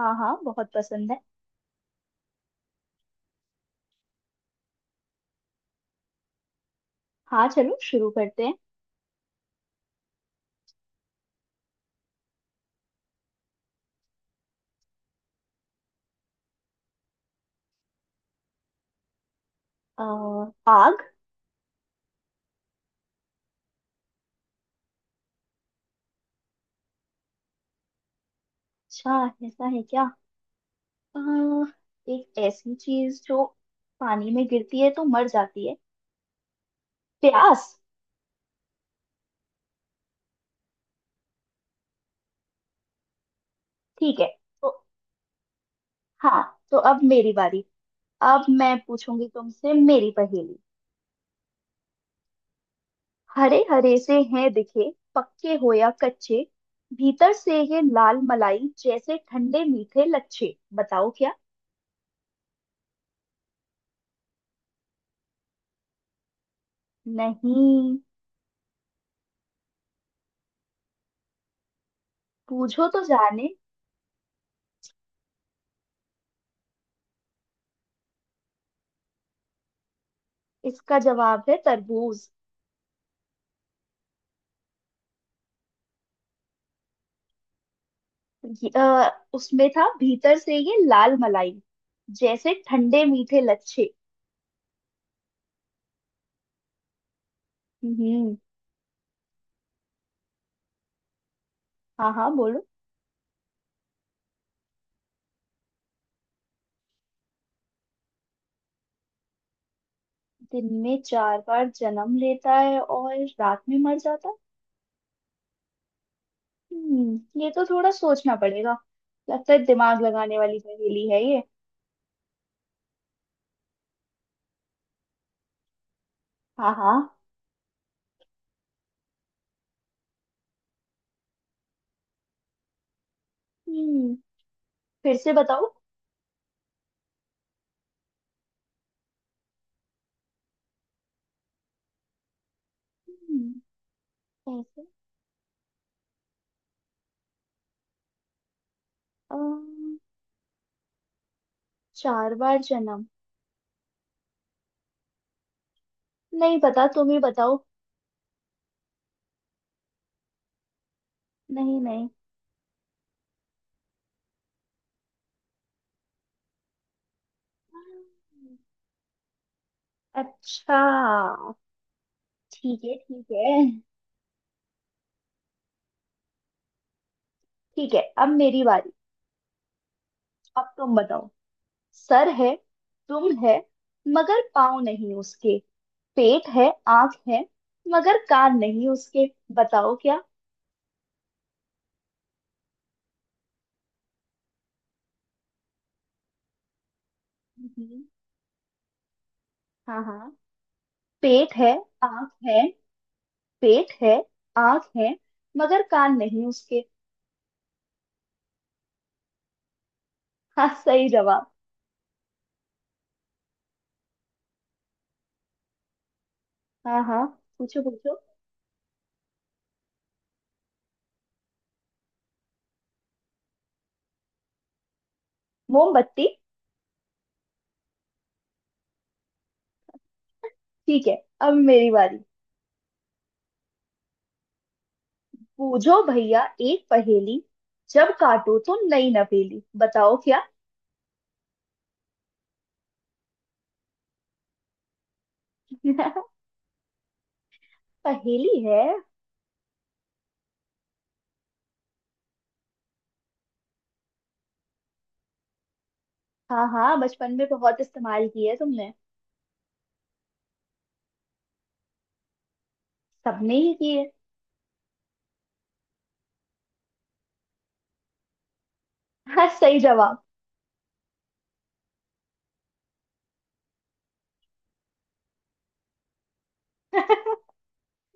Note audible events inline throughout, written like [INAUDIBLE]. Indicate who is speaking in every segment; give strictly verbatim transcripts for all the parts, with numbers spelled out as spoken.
Speaker 1: हाँ हाँ, बहुत पसंद है। हाँ चलो शुरू करते हैं। अ, आग। अच्छा, ऐसा है क्या? अ, एक ऐसी चीज जो पानी में गिरती है तो मर जाती है। प्यास। ठीक है। तो हाँ, तो अब मेरी बारी। अब मैं पूछूंगी तुमसे मेरी पहेली। हरे हरे से हैं दिखे, पक्के हो या कच्चे, भीतर से ये लाल मलाई जैसे ठंडे मीठे लच्छे, बताओ क्या। नहीं। पूछो तो जाने। इसका जवाब है तरबूज। ये, अ, उसमें था, भीतर से ये लाल मलाई जैसे ठंडे मीठे लच्छे। हम्म। हाँ हाँ बोलो। दिन में चार बार जन्म लेता है और रात में मर जाता है। हम्म, ये तो थोड़ा सोचना पड़ेगा। लगता है दिमाग लगाने वाली पहेली है ये। हाँ हाँ। हम्म। फिर से बताओ। हम्म। ऐसे अम, चार बार जन्म, नहीं पता, तुम ही बताओ। नहीं नहीं। अच्छा। ठीक है ठीक है। ठीक है अब मेरी बारी। अब तुम बताओ। सर है, तुम है मगर पाँव नहीं उसके, पेट है, आंख है मगर कान नहीं उसके, बताओ क्या। हम्म। हाँ हाँ। पेट है, आंख है, पेट है, आंख है मगर कान नहीं उसके। हाँ सही जवाब। हाँ हाँ, पूछो पूछो। मोमबत्ती। ठीक है अब मेरी बारी। पूछो भैया एक पहेली, जब काटो तो नई नवेली, बताओ क्या। [LAUGHS] पहेली है। हाँ हाँ, बचपन में बहुत इस्तेमाल किए है तुमने। सबने ही किए। हाँ सही जवाब।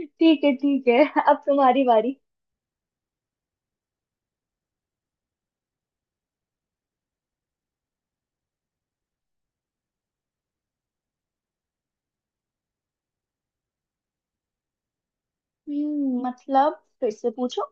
Speaker 1: ठीक है ठीक है, अब तुम्हारी बारी। हम्म, मतलब फिर से पूछो।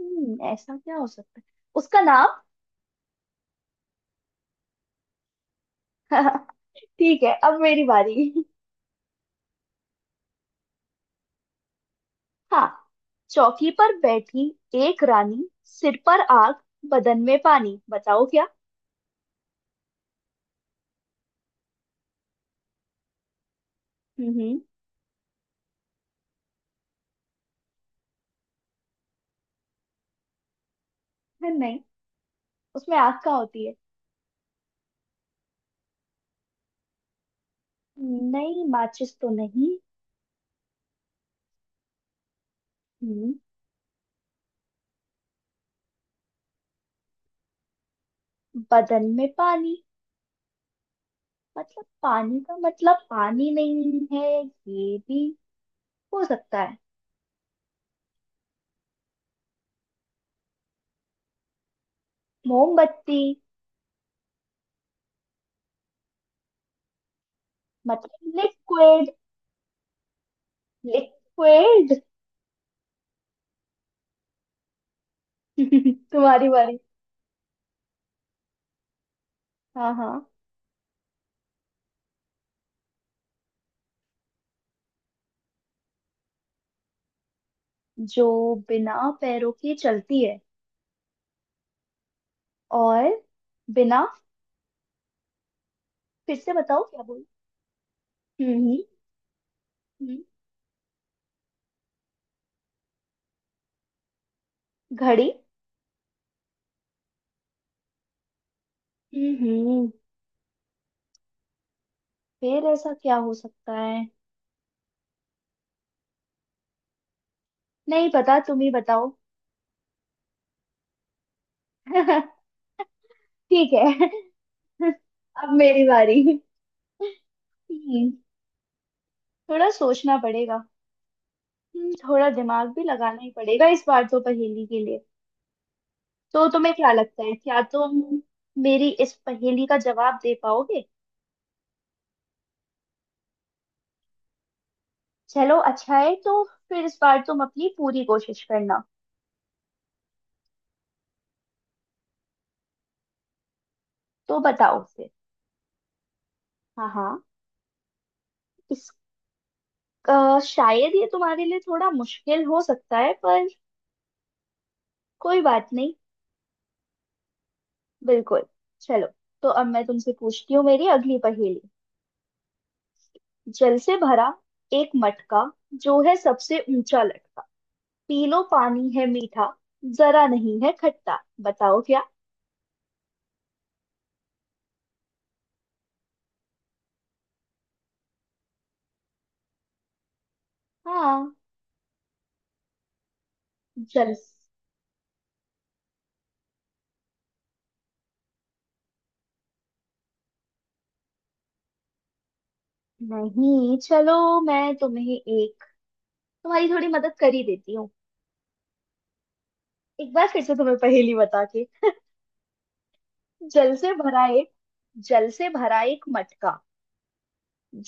Speaker 1: हम्म, ऐसा क्या हो सकता है? उसका नाम। [LAUGHS] ठीक है अब मेरी बारी। हाँ। चौकी पर बैठी एक रानी, सिर पर आग, बदन में पानी, बताओ क्या। हम्म। नहीं, उसमें आग का होती है। नहीं, माचिस तो नहीं। हम्म। बदन में पानी, मतलब पानी का मतलब पानी नहीं है, ये भी हो सकता है। मोमबत्ती। मतलब लिक्विड। लिक्विड। [LAUGHS] तुम्हारी बारी। हाँ हाँ। जो बिना पैरों के चलती है और बिना, फिर से बताओ क्या बोल। हम्म हम्म। हम्म। घड़ी। हम्म हम्म, फिर ऐसा क्या हो सकता है? नहीं पता, तुम ही बताओ। [LAUGHS] ठीक है। [LAUGHS] अब मेरी बारी। [LAUGHS] हम्म, थोड़ा सोचना पड़ेगा। हम्म, थोड़ा दिमाग भी लगाना ही पड़ेगा इस बार तो पहेली के लिए। तो तुम्हें क्या लगता है, क्या तुम मेरी इस पहेली का जवाब दे पाओगे? चलो अच्छा है तो फिर इस बार तुम अपनी पूरी कोशिश करना। तो बताओ फिर। हाँ हाँ। इस अ, शायद ये तुम्हारे लिए थोड़ा मुश्किल हो सकता है पर कोई बात नहीं। बिल्कुल। चलो, तो अब मैं तुमसे पूछती हूँ मेरी अगली पहेली। जल से भरा एक मटका, जो है सबसे ऊंचा लटका, पी लो पानी है मीठा, जरा नहीं है खट्टा, बताओ क्या। हाँ। चल। नहीं, चलो मैं तुम्हें एक, तुम्हारी थोड़ी मदद कर ही देती हूँ। एक बार फिर से तुम्हें पहेली बता के। जल से भरा एक जल से भरा एक मटका,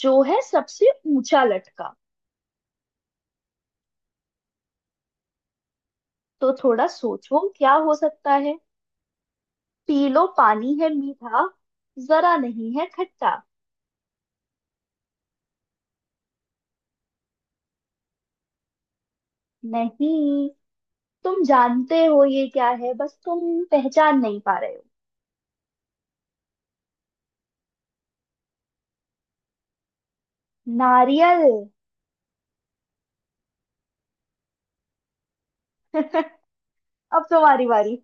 Speaker 1: जो है सबसे ऊंचा लटका। तो थोड़ा सोचो क्या हो सकता है। पी लो पानी है मीठा, जरा नहीं है खट्टा। नहीं। तुम जानते हो ये क्या है, बस तुम पहचान नहीं पा रहे हो। नारियल। [LAUGHS] अब तुम्हारी बारी।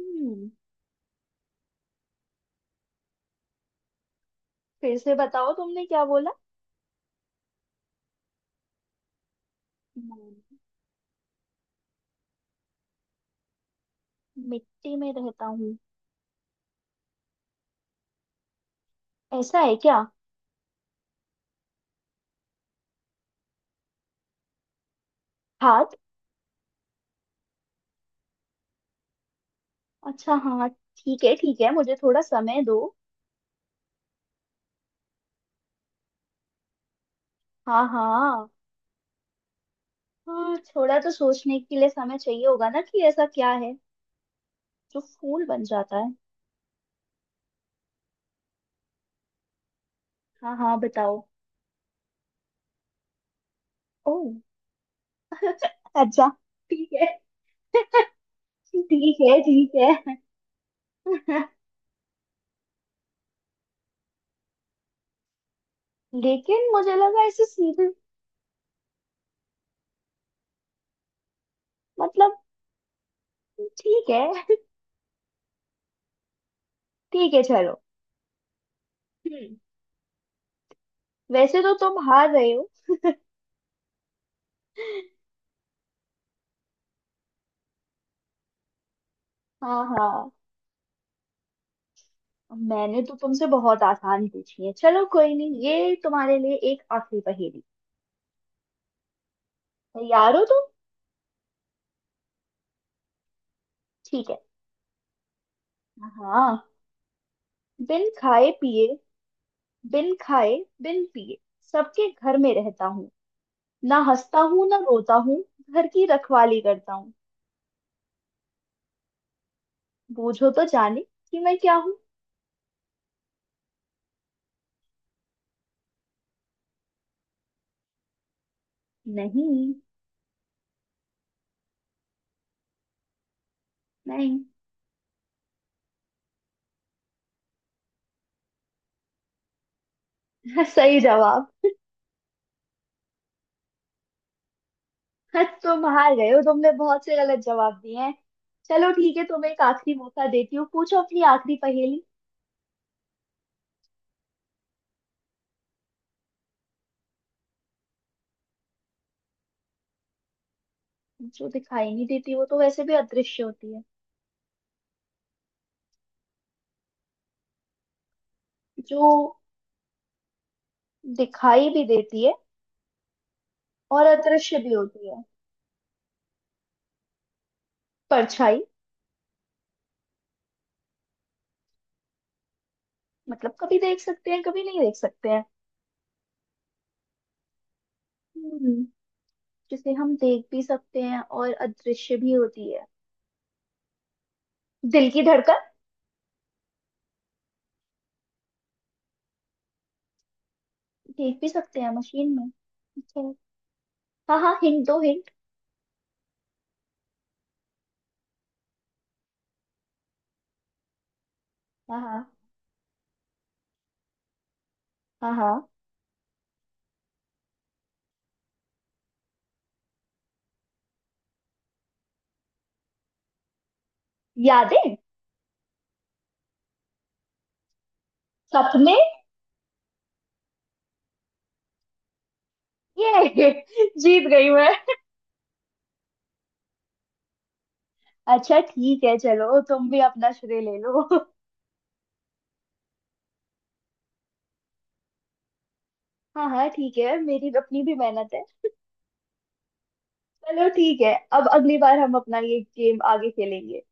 Speaker 1: हम्म। फिर से बताओ तुमने क्या बोला। मैं, मिट्टी में रहता हूँ। ऐसा है क्या? हाथ। अच्छा हाँ। ठीक है ठीक है, मुझे थोड़ा समय दो। हाँ हाँ। हाँ, थोड़ा तो सोचने के लिए समय चाहिए होगा ना कि ऐसा क्या है जो फूल बन जाता है। हाँ हाँ बताओ। ओह। अच्छा। ठीक है। ठीक है ठीक है। [LAUGHS] लेकिन मुझे लगा ऐसे सीधे मतलब, ठीक है। ठीक है चलो। हम्म। वैसे तो तुम हार रहे हो। हाँ हाँ। मैंने तो तुमसे बहुत आसान पूछी है, चलो कोई नहीं, ये तुम्हारे लिए एक आखिरी पहेली। तैयार हो तुम? ठीक है। हाँ। बिन खाए पिए, बिन खाए, बिन पिए, सबके घर में रहता हूँ, ना हंसता हूँ ना रोता हूँ, घर की रखवाली करता हूँ। बूझो तो जाने कि मैं क्या हूँ। नहीं। नहीं। [LAUGHS] सही जवाब। आज तुम हार गए हो, तुमने बहुत से गलत जवाब दिए हैं। चलो ठीक है, तुम्हें एक आखिरी मौका देती हूँ, पूछो अपनी आखिरी पहेली। जो दिखाई नहीं देती वो तो वैसे भी अदृश्य होती है। जो दिखाई भी देती है और अदृश्य भी होती है। परछाई। मतलब कभी देख सकते हैं कभी नहीं देख सकते हैं। हम्म। जिसे हम देख भी सकते हैं और अदृश्य भी होती है। दिल की धड़कन। देख भी सकते हैं मशीन में। अच्छा। हाँ हाँ, हिंट दो हिंट। हाँ हाँ। हाँ हाँ। यादें। सपने। ये। [LAUGHS] जीत गई मैं। अच्छा ठीक है, चलो तुम भी अपना श्रेय ले लो। [LAUGHS] हाँ हाँ ठीक है, मेरी अपनी भी मेहनत है। चलो ठीक है, अब अगली बार हम अपना ये गेम आगे खेलेंगे।